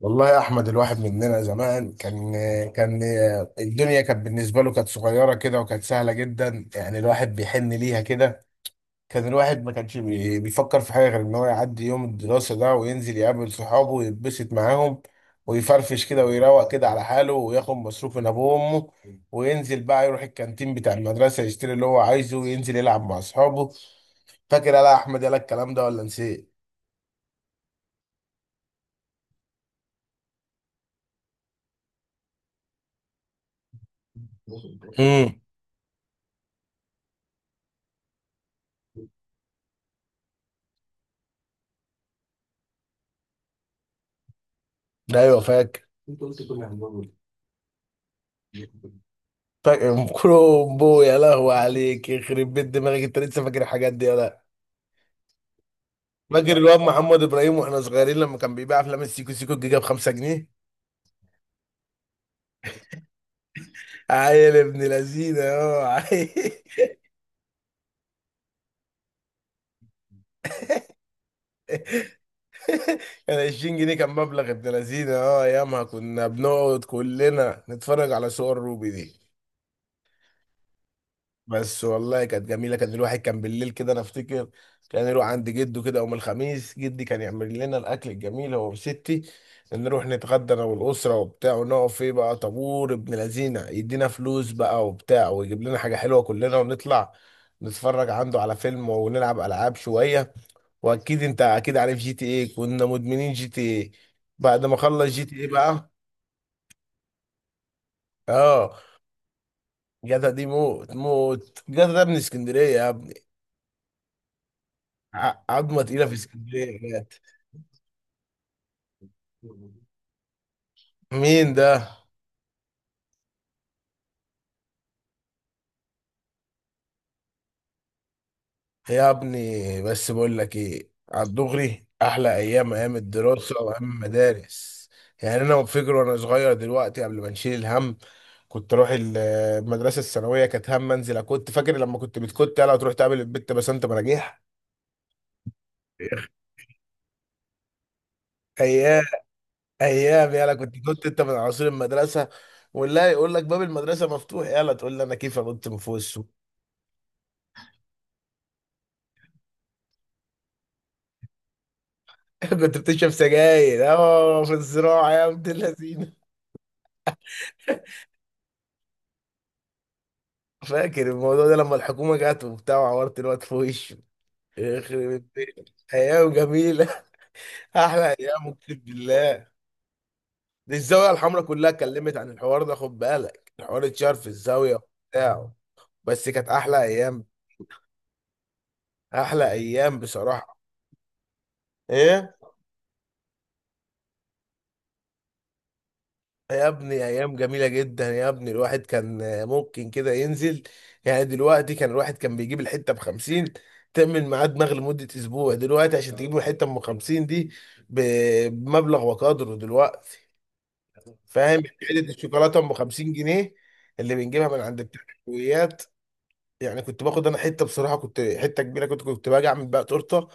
والله يا احمد الواحد مننا زمان كان الدنيا كانت بالنسبه له كانت صغيره كده وكانت سهله جدا، يعني الواحد بيحن ليها كده. كان الواحد ما كانش بيفكر في حاجه غير ان هو يعدي يوم الدراسه ده وينزل يقابل صحابه ويتبسط معاهم ويفرفش كده ويروق كده على حاله وياخد مصروف من ابوه وامه، وينزل بقى يروح الكانتين بتاع المدرسه يشتري اللي هو عايزه وينزل يلعب مع اصحابه. فاكر يلا يا احمد يلا الكلام ده ولا نسيت؟ امم ايوه فاكر. فاكر كرومبو، يا لهو عليك، يخرب بيت دماغك انت لسه فاكر الحاجات دي يا لا. فاكر الواد محمد ابراهيم واحنا صغيرين لما كان بيبيع افلام السيكو سيكو الجيجا ب 5 جنيه؟ عيل ابن لذينه، اه عيل. كان 20 جنيه كان مبلغ ابن لذينه، اه، ايامها كنا بنقعد كلنا نتفرج على صور روبي دي. بس والله كانت جميله، كان الواحد كان بالليل كده انا افتكر كان يروح عند جده كده يوم الخميس، جدي كان يعمل لنا الاكل الجميل هو وستي. نروح نتغدى انا والاسره وبتاع، ونقف فيه بقى طابور، ابن لذينه يدينا فلوس بقى وبتاع ويجيب لنا حاجه حلوه كلنا، ونطلع نتفرج عنده على فيلم ونلعب العاب شويه. واكيد انت اكيد عارف جي تي ايه، كنا مدمنين جي تي ايه. بعد ما خلص جي تي ايه بقى، اه، جدع دي موت موت، جدع ده من اسكندريه يا ابني. عظمه تقيله في اسكندريه بجد. مين ده؟ يا ابني، بس بقول لك ايه، على الدغري احلى ايام ايام الدراسه وايام المدارس. يعني انا فاكر وانا صغير دلوقتي قبل ما نشيل الهم، كنت اروح المدرسه الثانويه، كانت هم انزل، كنت فاكر لما كنت بتكت يلا تروح تقابل البت بسنت مراجيح. ايام، ايام، يلا كنت انت من عصير المدرسه، والله يقول لك باب المدرسه مفتوح، يلا تقول لي انا كيف انط من فوق السور. كنت بتشرب سجاير اه في الزراعة يا عبد اللذين. فاكر الموضوع ده لما الحكومة جت وبتاع وعورت الواد في وشه؟ يخرب البيت أيام جميلة. أحلى أيام أقسم بالله. دي الزاوية الحمراء كلها اتكلمت عن الحوار ده، خد بالك، الحوار اتشهر في الزاوية بتاعه. بس كانت أحلى أيام. أحلى أيام بصراحة. إيه يا ابني، ايام جميله جدا يا ابني، الواحد كان ممكن كده ينزل. يعني دلوقتي كان الواحد كان بيجيب الحته ب 50 تعمل معاه دماغ لمده اسبوع. دلوقتي عشان تجيب له حته ام 50 دي ب- بمبلغ وقدره دلوقتي. فاهم؟ حته الشوكولاته ام 50 جنيه اللي بنجيبها من عند بتاع الحلويات. يعني كنت باخد انا حته، بصراحه كنت حته كبيره، كنت باجي اعمل بقى تورته.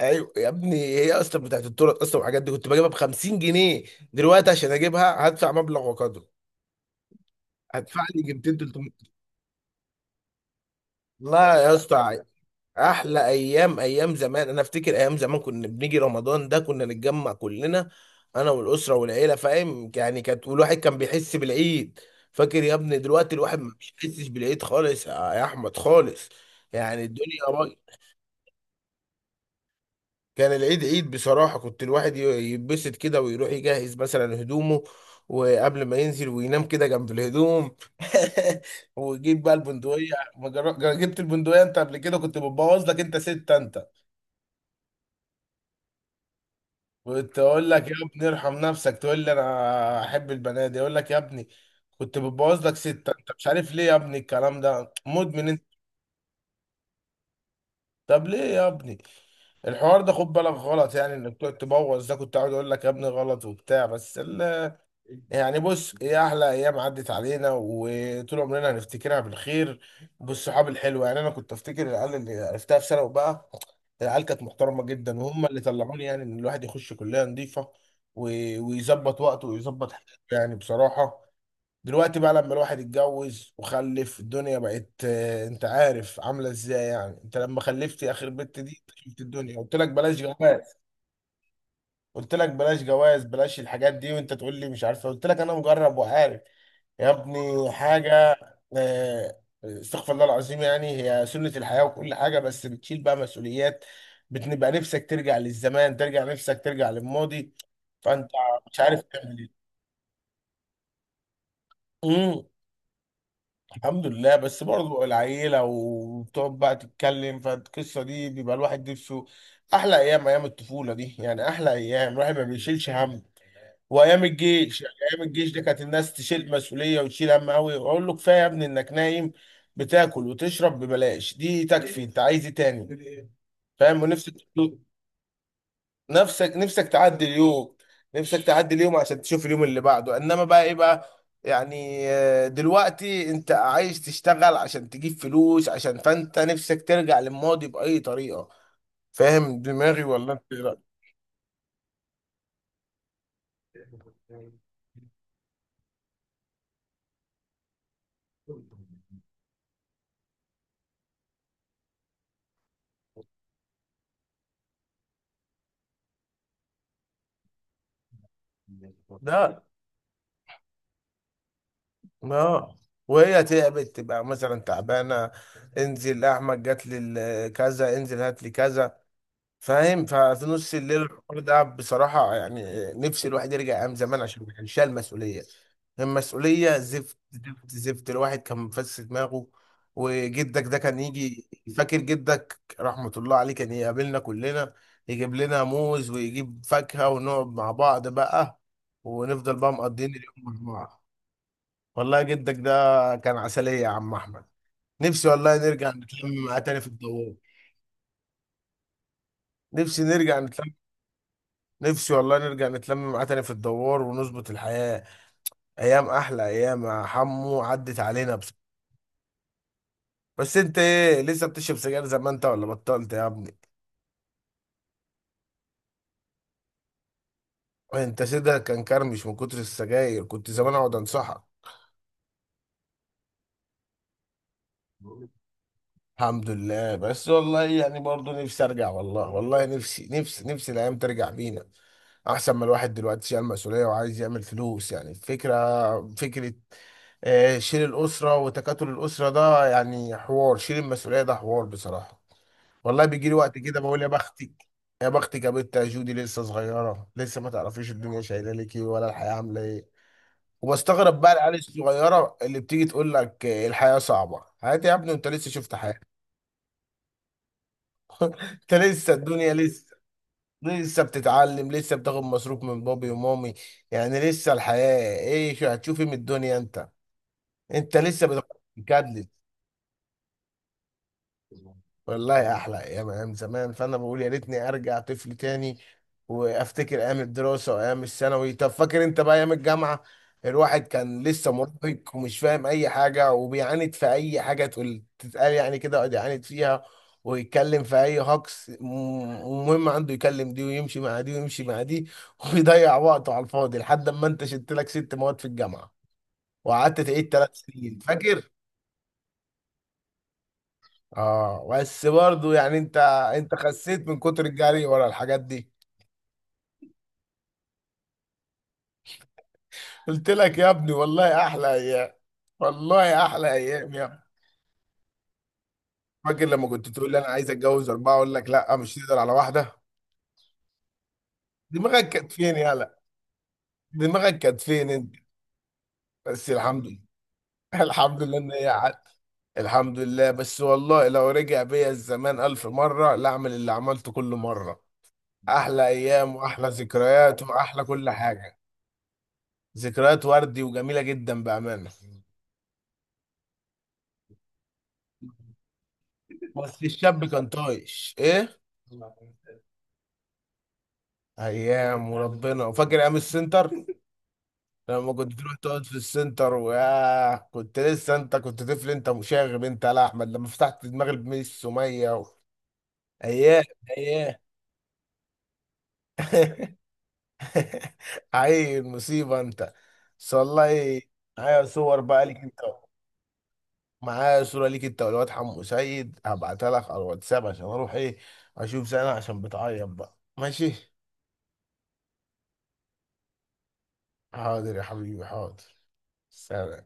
ايوه يا ابني، هي اصلا بتاعت التورت اصلا، والحاجات دي كنت بجيبها ب 50 جنيه. دلوقتي عشان اجيبها هدفع مبلغ وقدره، هدفع لي 200 300. لا يا اسطى، احلى ايام ايام زمان. انا افتكر ايام زمان كنا بنيجي رمضان ده كنا نتجمع كلنا، انا والاسره والعيله، فاهم يعني، كانت والواحد كان بيحس بالعيد. فاكر يا ابني دلوقتي الواحد ما بيحسش بالعيد خالص يا احمد، خالص. يعني الدنيا، كان العيد عيد بصراحة، كنت الواحد يتبسط كده ويروح يجهز مثلا هدومه، وقبل ما ينزل وينام كده جنب الهدوم. ويجيب بقى البندقية، ما جبت البندقية انت قبل كده، كنت بتبوظ لك انت ست انت. كنت اقول لك يا ابني ارحم نفسك، تقول لي انا احب البنات، اقول لك يا ابني كنت بتبوظ لك ست انت، مش عارف ليه يا ابني الكلام ده، مدمن انت. طب ليه يا ابني الحوار ده؟ خد بالك غلط، يعني انك تقعد تبوظ ده كنت عاوز اقول لك يا ابني غلط وبتاع، بس. يعني بص ايه، احلى ايام عدت علينا وطول عمرنا هنفتكرها بالخير، بالصحاب الحلوه. يعني انا كنت افتكر العيال اللي عرفتها في ثانوي بقى، العيال كانت محترمه جدا، وهم اللي طلعوني يعني ان الواحد يخش كليه نظيفه، ويظبط وقته ويظبط حياته يعني بصراحه. دلوقتي بقى لما الواحد اتجوز وخلف الدنيا بقت آه، انت عارف عامله ازاي يعني، انت لما خلفت اخر بنت دي شفت الدنيا. قلت لك بلاش جواز، قلت لك بلاش جواز، بلاش الحاجات دي، وانت تقول لي مش عارفه، قلت لك انا مجرب وعارف يا ابني حاجة. آه، استغفر الله العظيم، يعني هي سنة الحياة وكل حاجة، بس بتشيل بقى مسؤوليات، بتبقى نفسك ترجع للزمان، ترجع نفسك ترجع للماضي، فأنت مش عارف تعمل ايه. امم الحمد لله، بس برضه العيلة وبتقعد بقى تتكلم فالقصة دي بيبقى الواحد نفسه. أحلى أيام أيام الطفولة دي، يعني أحلى أيام الواحد ما بيشيلش هم. وايام الجيش، يعني ايام الجيش دي كانت الناس تشيل مسؤوليه وتشيل هم قوي، اقول له كفايه يا ابني انك نايم بتاكل وتشرب ببلاش، دي تكفي، انت عايز ايه تاني؟ فاهم، ونفسك، نفسك، نفسك تعدي اليوم، نفسك تعدي اليوم عشان تشوف اليوم اللي بعده. انما بقى ايه بقى يعني، آه، دلوقتي انت عايز تشتغل عشان تجيب فلوس عشان فانت نفسك ترجع للماضي باي طريقه. فاهم دماغي ولا انت إيه رأيك؟ ده اه. وهي تعبت تبقى مثلا تعبانه، انزل احمد جات لي كذا، انزل هات لي كذا. فاهم؟ ففي نص الليل الحوار ده بصراحه، يعني نفسي الواحد يرجع ايام زمان عشان ما كانش شايل المسؤوليه. المسؤوليه زفت زفت زفت، الواحد كان مفس دماغه. وجدك ده كان يجي. فاكر جدك رحمه الله عليه كان يقابلنا كلنا، يجيب لنا موز ويجيب فاكهه، ونقعد مع بعض بقى ونفضل بقى مقضيين اليوم مع بعض. والله جدك ده كان عسلية يا عم أحمد. نفسي والله نرجع نتلم معاه تاني في الدوار. نفسي نرجع نتلم. نفسي والله نرجع نتلم معاه تاني في الدوار ونظبط الحياة. أيام، أحلى أيام يا حمو عدت علينا، بس. بس أنت إيه، لسه بتشرب سجاير زي ما أنت ولا بطلت يا ابني؟ أنت سيدها كان كرمش من كتر السجاير، كنت زمان أقعد أنصحك. الحمد لله، بس والله يعني برضه نفسي ارجع، والله والله نفسي، نفسي، نفسي الايام ترجع بينا، احسن ما الواحد دلوقتي شايل مسؤوليه وعايز يعمل فلوس. يعني الفكره، فكره، آه، شيل الاسره وتكاتل الاسره ده، يعني حوار شيل المسؤوليه ده حوار بصراحه. والله بيجي لي وقت كده بقول يا بختك، يا بختك يا بنت يا جودي، لسه صغيره، لسه ما تعرفيش الدنيا شايله لك ايه ولا الحياه عامله ايه. وبستغرب بقى العيال الصغيره اللي بتيجي تقول لك آه، الحياه صعبه. حياتي يا ابني انت لسه شفت حياه؟ انت لسه الدنيا لسه، لسه بتتعلم، لسه بتاخد مصروف من بابي ومامي، يعني لسه الحياة ايه، شو هتشوفي من الدنيا انت؟ انت لسه بتجدد. والله احلى ايام ايام زمان، فانا بقول يا ريتني ارجع طفل تاني، وافتكر ايام الدراسه وايام الثانوي. طب فاكر انت بقى ايام الجامعه، الواحد كان لسه مراهق ومش فاهم اي حاجه، وبيعاند في اي حاجه تقول تتقال، يعني كده يقعد يعاند فيها ويتكلم في اي هجص، ومهم عنده يكلم دي ويمشي مع دي ويمشي مع دي. ويضيع وقته على الفاضي لحد ما انت شلت لك 6 مواد في الجامعه، وقعدت تعيد 3 سنين فاكر. اه بس برضه يعني انت، انت خسيت من كتر الجري ورا الحاجات دي. قلت لك يا ابني والله احلى ايام، والله احلى ايام يا ابني. فاكر لما كنت تقول لي انا عايز اتجوز 4، اقول لك لا مش تقدر على واحده. دماغك كانت فين يالا؟ دماغك كانت فين انت؟ بس الحمد لله. الحمد لله ان هي عدت. الحمد لله، بس والله لو رجع بيا الزمان 1000 مره لا اعمل اللي عملته كل مره. احلى ايام واحلى ذكريات واحلى كل حاجه، ذكريات وردي وجميله جدا بامانه. بس الشاب كان طايش ايه. ايام وربنا. وفاكر ايام السنتر لما كنت تروح تقعد في السنتر وياه، كنت لسه انت كنت طفل، انت مشاغب انت يا لا احمد، لما فتحت دماغ الميس سميه و... ايام، ايام. عيل مصيبه انت. بس والله معايا صور بقى ليك انت، معايا صوره ليك انت والواد حمو سيد، هبعتها لك على الواتساب. عشان اروح ايه اشوف سنه عشان بتعيط بقى، ماشي. حاضر يا حبيبي حاضر. سلام.